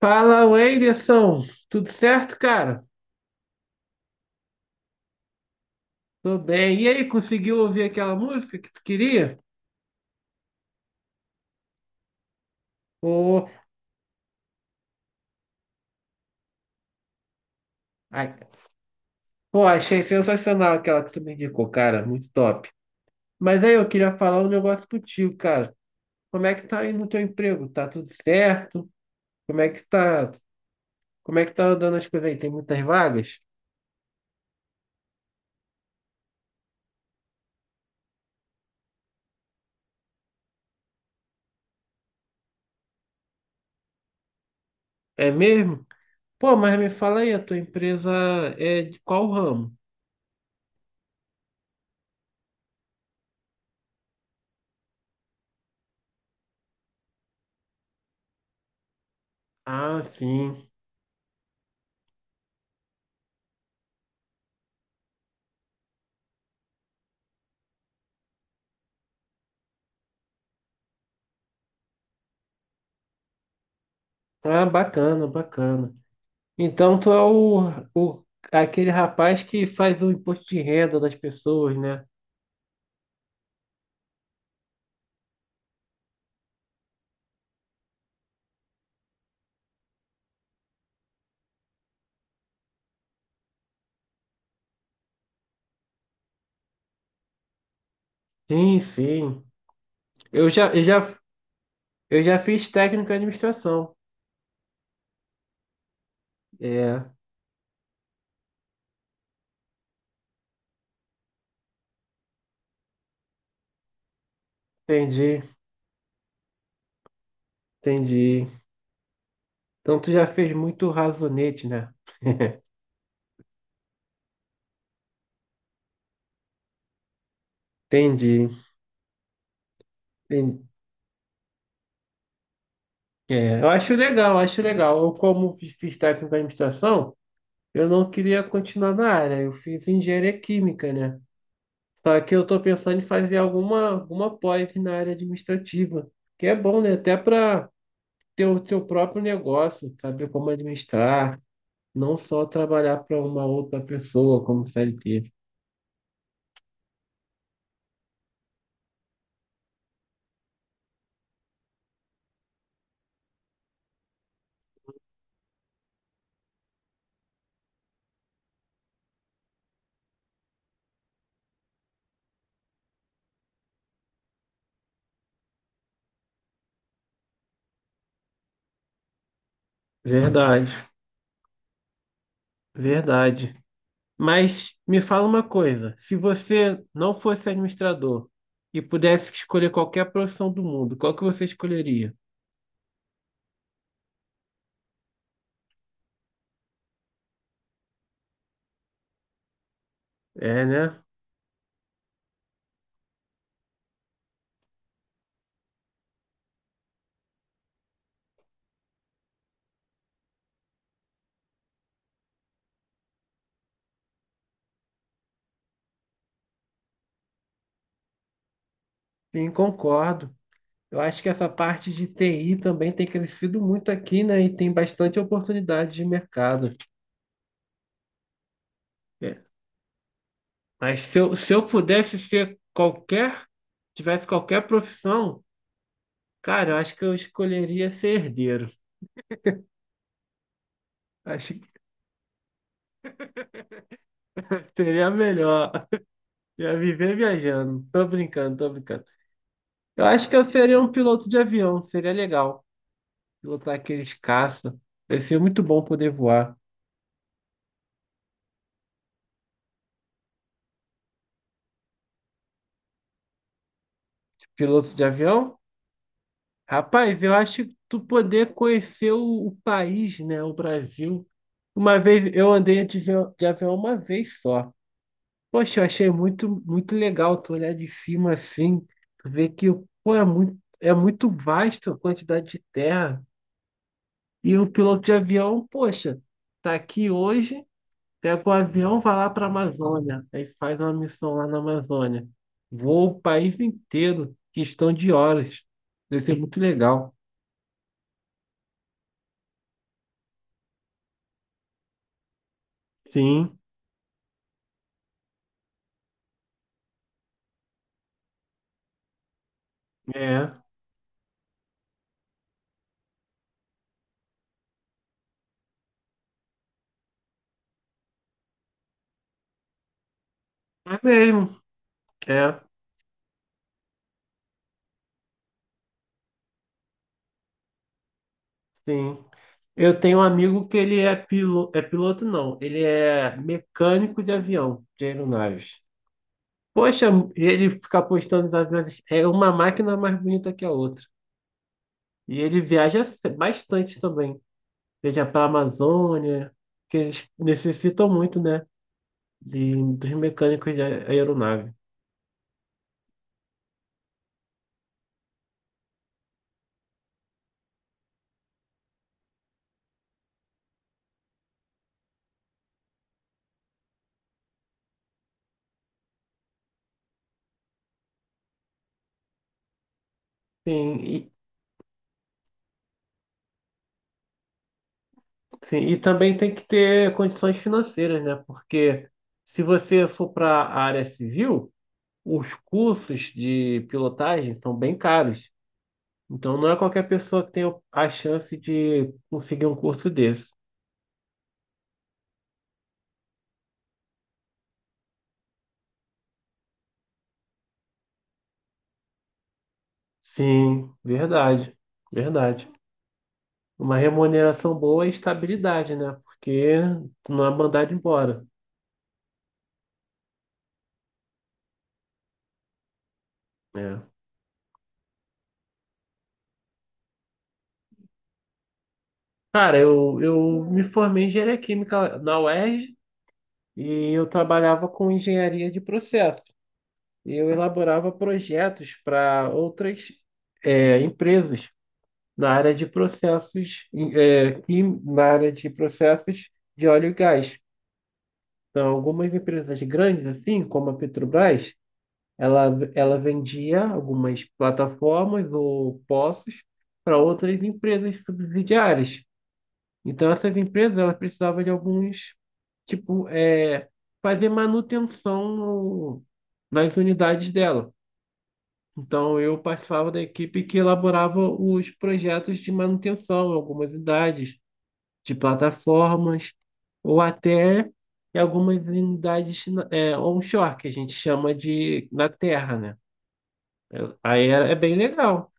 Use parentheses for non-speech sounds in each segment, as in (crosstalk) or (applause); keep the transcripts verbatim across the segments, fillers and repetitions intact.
Fala, Wenderson. Tudo certo, cara? Tô bem. E aí, conseguiu ouvir aquela música que tu queria? Pô, ai, pô, achei sensacional aquela que tu me indicou, cara. Muito top. Mas aí, eu queria falar um negócio contigo, cara. Como é que tá aí no teu emprego? Tá tudo certo? Como é que tá, como é que tá andando as coisas aí? Tem muitas vagas? É mesmo? Pô, mas me fala aí, a tua empresa é de qual ramo? Ah, sim. Ah, bacana, bacana. Então tu é o aquele rapaz que faz o imposto de renda das pessoas, né? Sim, sim. Eu já, eu já, eu já fiz técnico em administração. É, entendi, entendi. Então tu já fez muito razonete, né? Entendi. En- É, eu acho legal, acho legal. Eu, como fi- fiz técnico em administração, eu não queria continuar na área. Eu fiz engenharia química, né? Só que eu tô pensando em fazer alguma, alguma pós na área administrativa, que é bom, né? Até para ter o seu próprio negócio, saber como administrar, não só trabalhar para uma outra pessoa como C L T. Verdade, verdade. Mas me fala uma coisa, se você não fosse administrador e pudesse escolher qualquer profissão do mundo, qual que você escolheria? É, né? Sim, concordo. Eu acho que essa parte de T I também tem crescido muito aqui, né? E tem bastante oportunidade de mercado. Mas se eu, se eu pudesse ser qualquer, tivesse qualquer profissão, cara, eu acho que eu escolheria ser herdeiro. Acho que seria melhor. Ia viver viajando. Tô brincando, tô brincando. Eu acho que eu seria um piloto de avião, seria legal. Pilotar aqueles caça. Ia ser muito bom poder voar. Piloto de avião? Rapaz, eu acho que tu poder conhecer o, o país, né? O Brasil. Uma vez eu andei de avião de avião uma vez só. Poxa, eu achei muito, muito legal tu olhar de cima assim, tu ver que, pô, é muito, é muito vasto a quantidade de terra. E o piloto de avião, poxa, tá aqui hoje, pega o avião, vai lá para a Amazônia, aí faz uma missão lá na Amazônia. Voa o país inteiro, questão de horas. Deve ser muito legal. Sim, é. É mesmo, é. Sim. Eu tenho um amigo que ele é piloto, é piloto não, ele é mecânico de avião, de aeronaves. Poxa, ele fica postando os aviões, é uma máquina mais bonita que a outra. E ele viaja se- bastante também, seja para a Amazônia, que eles necessitam muito, né, de, dos mecânicos de ae- aeronave. Sim, e, sim, e também tem que ter condições financeiras, né, porque se você for para a área civil, os cursos de pilotagem são bem caros. Então não é qualquer pessoa que tem a chance de conseguir um curso desse. Sim, verdade, verdade. Uma remuneração boa e estabilidade, né? Porque tu não é mandado embora. Né? Cara, eu, eu me formei em engenharia química na UERJ e R J e eu trabalhava com engenharia de processo. Eu elaborava projetos para outras eh, empresas. Na área de processos, é, quim- na área de processos de óleo e gás. Então, algumas empresas grandes, assim, como a Petrobras, ela, ela vendia algumas plataformas ou poços para outras empresas subsidiárias. Então, essas empresas, elas precisavam de alguns, tipo, é, fazer manutenção no- nas unidades dela. Então, eu participava da equipe que elaborava os projetos de manutenção, em algumas unidades, de plataformas, ou até em algumas unidades é, onshore, que a gente chama de na terra, né? É- Aí é, é bem legal.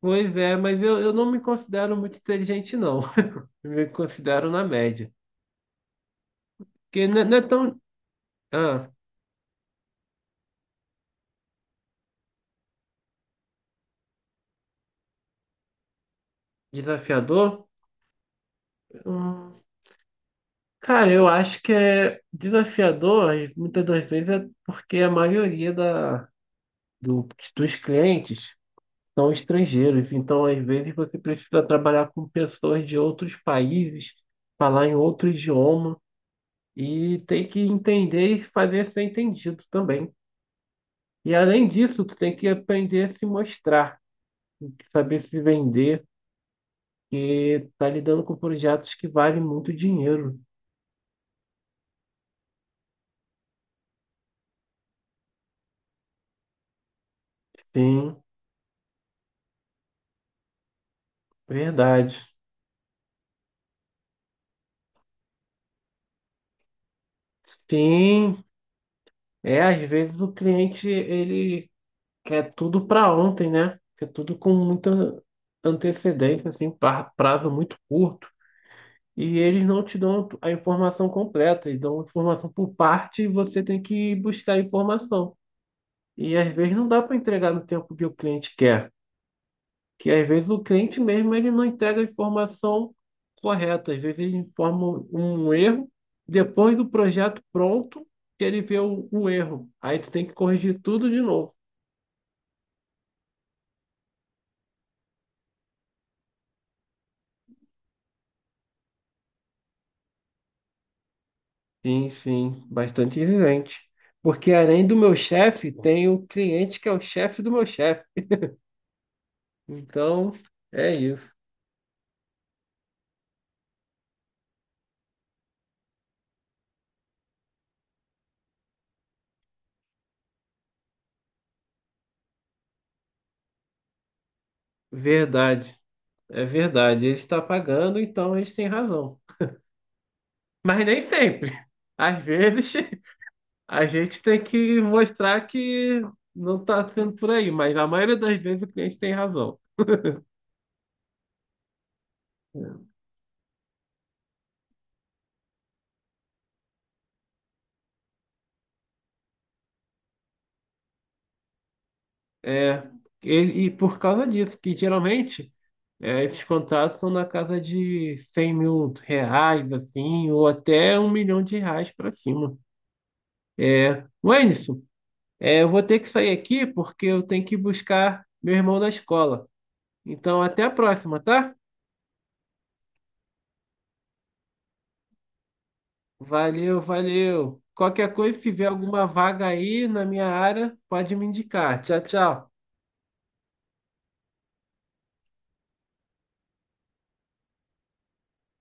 Pois é, mas eu, eu não me considero muito inteligente, não. (laughs) Eu me considero na média. Porque não é, não é tão ah, desafiador. Hum, cara, eu acho que é desafiador, e muitas das vezes, é porque a maioria da, do- dos clientes são estrangeiros. Então, às vezes, você precisa trabalhar com pessoas de outros países, falar em outro idioma e tem que entender e fazer ser entendido também. E além disso, tu tem que aprender a se mostrar, saber se vender, porque tu tá lidando com projetos que valem muito dinheiro. Sim, verdade. Sim, é, às vezes o cliente ele quer tudo para ontem, né? Quer tudo com muita antecedência, assim, pra- prazo muito curto. E eles não te dão a informação completa, eles dão informação por parte e você tem que buscar a informação. E às vezes não dá para entregar no tempo que o cliente quer, que às vezes o cliente mesmo ele não entrega a informação correta, às vezes ele informa um erro depois do projeto pronto que ele vê o, o erro. Aí tu tem que corrigir tudo de novo. Sim, sim, bastante exigente. Porque além do meu chefe, tem o cliente que é o chefe do meu chefe. Então, é isso. Verdade, é verdade. Ele está pagando, então eles têm razão. Mas nem sempre. Às vezes (laughs) a gente tem que mostrar que não está sendo por aí, mas a maioria das vezes o cliente tem razão. É, ele- e por causa disso, que geralmente é, esses contratos são na casa de cem mil reais, assim, ou até um milhão de reais para cima. Wenderson, é, eu vou ter que sair aqui porque eu tenho que buscar meu irmão na escola. Então, até a próxima, tá? Valeu, valeu. Qualquer coisa, se tiver alguma vaga aí na minha área, pode me indicar. Tchau, tchau.